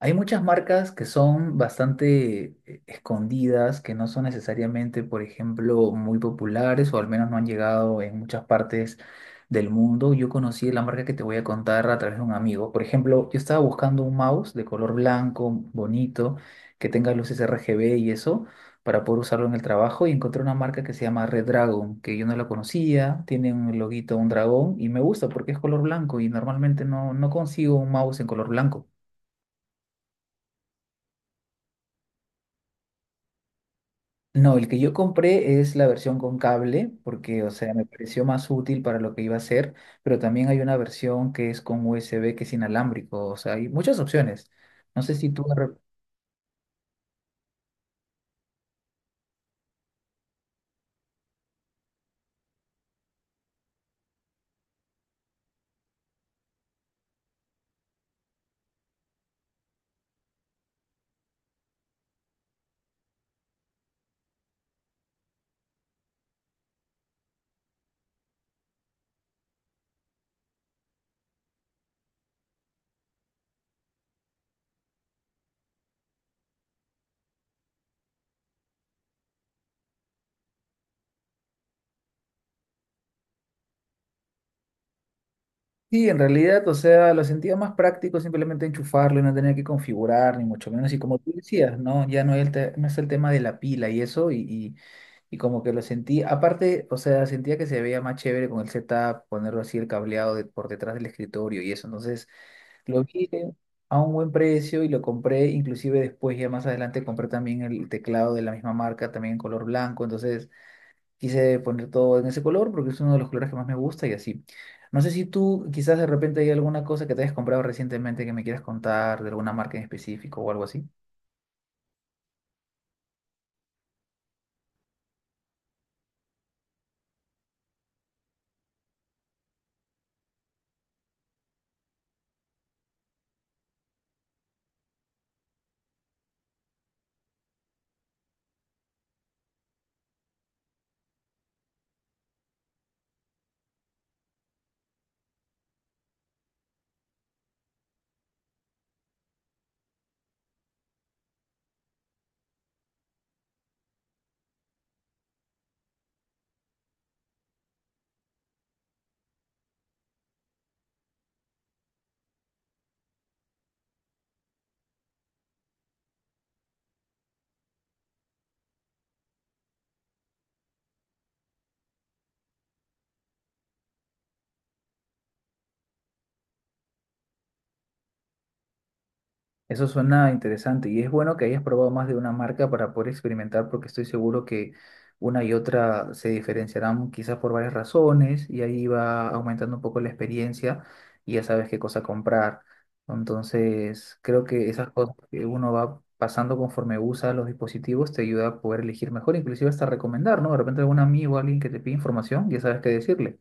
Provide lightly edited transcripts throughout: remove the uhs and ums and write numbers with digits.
Hay muchas marcas que son bastante escondidas, que no son necesariamente, por ejemplo, muy populares o al menos no han llegado en muchas partes del mundo. Yo conocí la marca que te voy a contar a través de un amigo. Por ejemplo, yo estaba buscando un mouse de color blanco, bonito, que tenga luces RGB y eso, para poder usarlo en el trabajo y encontré una marca que se llama Red Dragon, que yo no la conocía, tiene un loguito, un dragón y me gusta porque es color blanco y normalmente no consigo un mouse en color blanco. No, el que yo compré es la versión con cable, porque, o sea, me pareció más útil para lo que iba a hacer, pero también hay una versión que es con USB, que es inalámbrico, o sea, hay muchas opciones. No sé si tú... Sí, en realidad, o sea, lo sentía más práctico simplemente enchufarlo y no tener que configurar, ni mucho menos. Y como tú decías, ¿no? Ya no es no es el tema de la pila y eso, y como que lo sentí, aparte, o sea, sentía que se veía más chévere con el setup, ponerlo así el por detrás del escritorio y eso, entonces... Lo vi de- a un buen precio y lo compré, inclusive después ya más adelante compré también el teclado de la misma marca, también en color blanco, entonces quise poner todo en ese color porque es uno de los colores que más me gusta y así. No sé si tú quizás de repente hay alguna cosa que te hayas comprado recientemente que me quieras contar de alguna marca en específico o algo así. Eso suena interesante y es bueno que hayas probado más de una marca para poder experimentar porque estoy seguro que una y otra se diferenciarán quizás por varias razones y ahí va aumentando un poco la experiencia y ya sabes qué cosa comprar. Entonces, creo que esas cosas que uno va pasando conforme usa los dispositivos te ayuda a poder elegir mejor, inclusive hasta recomendar, ¿no? De repente algún amigo, alguien que te pide información, ya sabes qué decirle.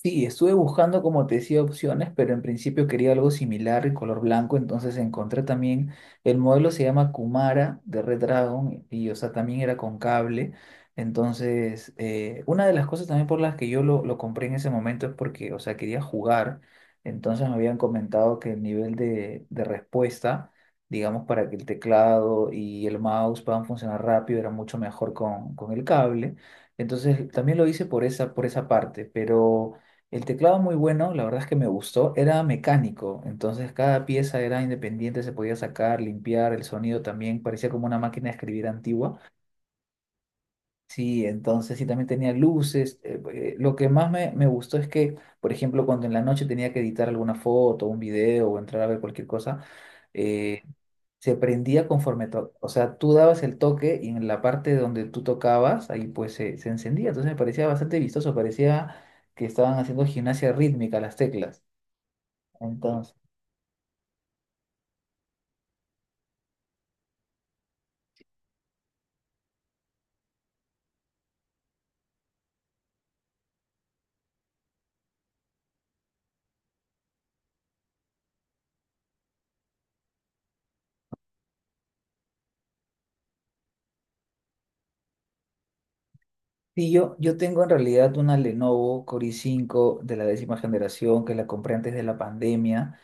Sí, estuve buscando, como te decía, opciones, pero en principio quería algo similar y color blanco, entonces encontré también, el modelo se llama Kumara de Red Dragon y, o sea, también era con cable. Entonces, una de las cosas también por las que lo compré en ese momento es porque, o sea, quería jugar, entonces me habían comentado que el nivel de respuesta, digamos, para que el teclado y el mouse puedan funcionar rápido, era mucho mejor con el cable. Entonces, también lo hice por esa parte, pero... El teclado muy bueno, la verdad es que me gustó, era mecánico, entonces cada pieza era independiente, se podía sacar, limpiar, el sonido también parecía como una máquina de escribir antigua. Sí, entonces sí también tenía luces. Lo que más me gustó es que, por ejemplo, cuando en la noche tenía que editar alguna foto, un video o entrar a ver cualquier cosa, eh, se prendía o sea, tú dabas el toque y en la parte donde tú tocabas, ahí pues se encendía, entonces me parecía bastante vistoso, parecía que estaban haciendo gimnasia rítmica las teclas. Entonces, sí, yo tengo en realidad una Lenovo Core i cinco de la décima generación que la compré antes de la pandemia.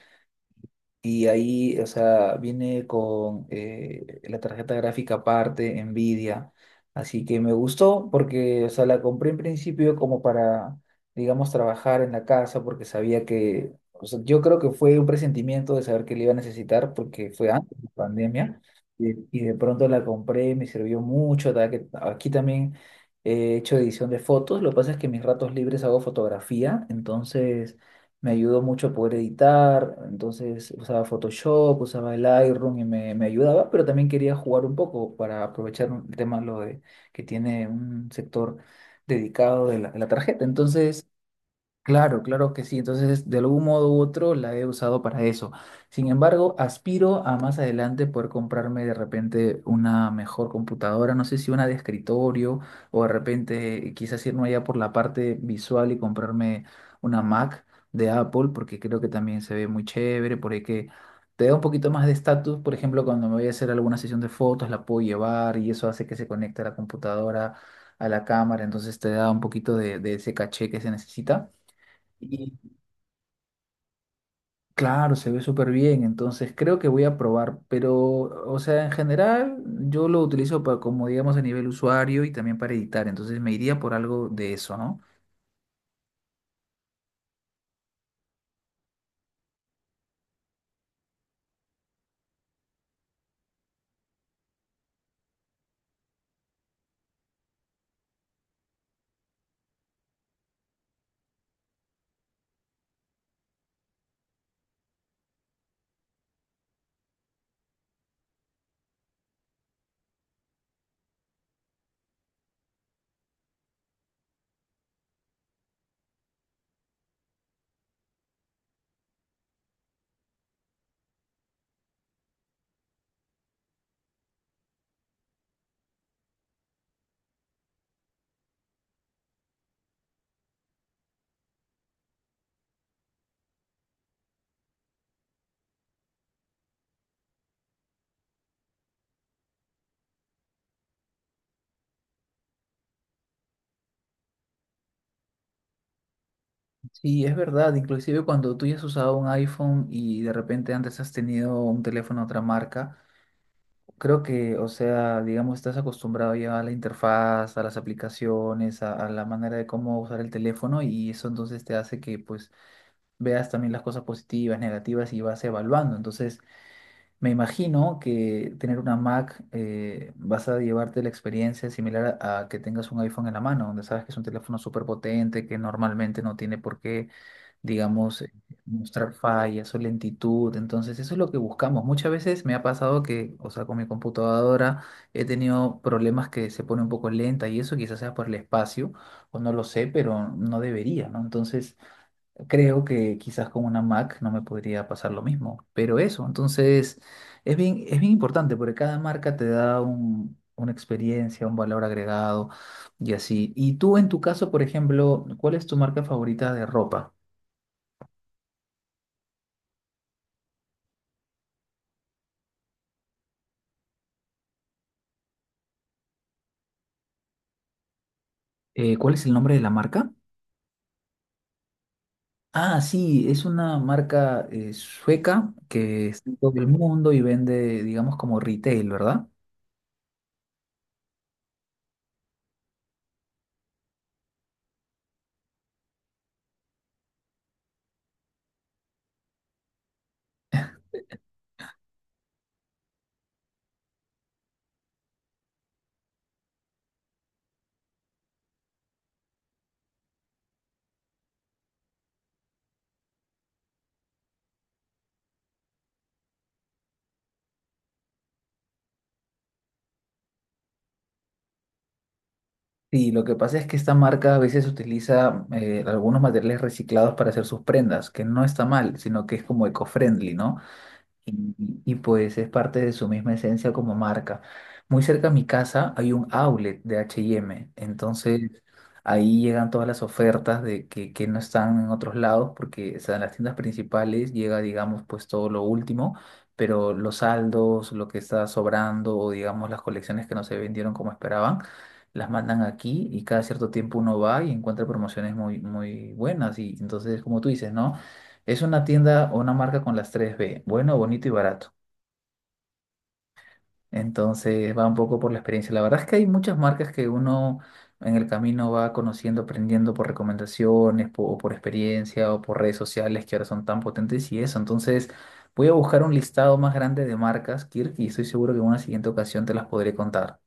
Y ahí, o sea, viene con la tarjeta gráfica aparte, Nvidia. Así que me gustó porque, o sea, la compré en principio como para, digamos, trabajar en la casa porque sabía que, o sea, yo creo que fue un presentimiento de saber que le iba a necesitar porque fue antes de la pandemia. Y de pronto la compré, me sirvió mucho. Da que Aquí también he hecho edición de fotos. Lo que pasa es que en mis ratos libres hago fotografía, entonces me ayudó mucho a poder editar, entonces usaba Photoshop, usaba el Lightroom y me ayudaba, pero también quería jugar un poco para aprovechar el tema lo de, que tiene un sector dedicado de de la tarjeta. Entonces claro, claro que sí. Entonces, de algún modo u otro la he usado para eso. Sin embargo, aspiro a más adelante poder comprarme de repente una mejor computadora, no sé si una de escritorio o de repente quizás irme allá por la parte visual y comprarme una Mac de Apple, porque creo que también se ve muy chévere, por ahí que te da un poquito más de estatus. Por ejemplo, cuando me voy a hacer alguna sesión de fotos, la puedo llevar y eso hace que se conecte a la computadora, a la cámara, entonces te da un poquito de ese caché que se necesita. Y claro, se ve súper bien, entonces creo que voy a probar, pero, o sea, en general yo lo utilizo para, como digamos, a nivel usuario y también para editar, entonces me iría por algo de eso, ¿no? Sí, es verdad, inclusive cuando tú ya has usado un iPhone y de repente antes has tenido un teléfono de otra marca, creo que, o sea, digamos, estás acostumbrado ya a la interfaz, a las aplicaciones, a la manera de cómo usar el teléfono y eso entonces te hace que, pues, veas también las cosas positivas, negativas y vas evaluando, entonces... Me imagino que tener una Mac vas a llevarte la experiencia similar a que tengas un iPhone en la mano, donde sabes que es un teléfono súper potente, que normalmente no tiene por qué, digamos, mostrar fallas o lentitud. Entonces, eso es lo que buscamos. Muchas veces me ha pasado que, o sea, con mi computadora he tenido problemas que se pone un poco lenta y eso quizás sea por el espacio, o no lo sé, pero no debería, ¿no? Entonces... Creo que quizás con una Mac no me podría pasar lo mismo, pero eso, entonces es bien importante porque cada marca te da un, una experiencia, un valor agregado y así. Y tú en tu caso, por ejemplo, ¿cuál es tu marca favorita de ropa? ¿Cuál es el nombre de la marca? Ah, sí, es una marca sueca que está en todo el mundo y vende, digamos, como retail, ¿verdad? Sí, lo que pasa es que esta marca a veces utiliza algunos materiales reciclados para hacer sus prendas, que no está mal, sino que es como eco-friendly, ¿no? Pues es parte de su misma esencia como marca. Muy cerca a mi casa hay un outlet de H&M, entonces ahí llegan todas las ofertas de que no están en otros lados, porque o sea, en las tiendas principales llega, digamos, pues todo lo último, pero los saldos, lo que está sobrando o digamos las colecciones que no se vendieron como esperaban. Las mandan aquí y cada cierto tiempo uno va y encuentra promociones muy, muy buenas y entonces como tú dices, ¿no? Es una tienda o una marca con las tres b: bueno, bonito y barato. Entonces va un poco por la experiencia. La verdad es que hay muchas marcas que uno en el camino va conociendo, aprendiendo por recomendaciones, o por experiencia, o por redes sociales que ahora son tan potentes y eso. Entonces voy a buscar un listado más grande de marcas, Kirk, y estoy seguro que en una siguiente ocasión te las podré contar.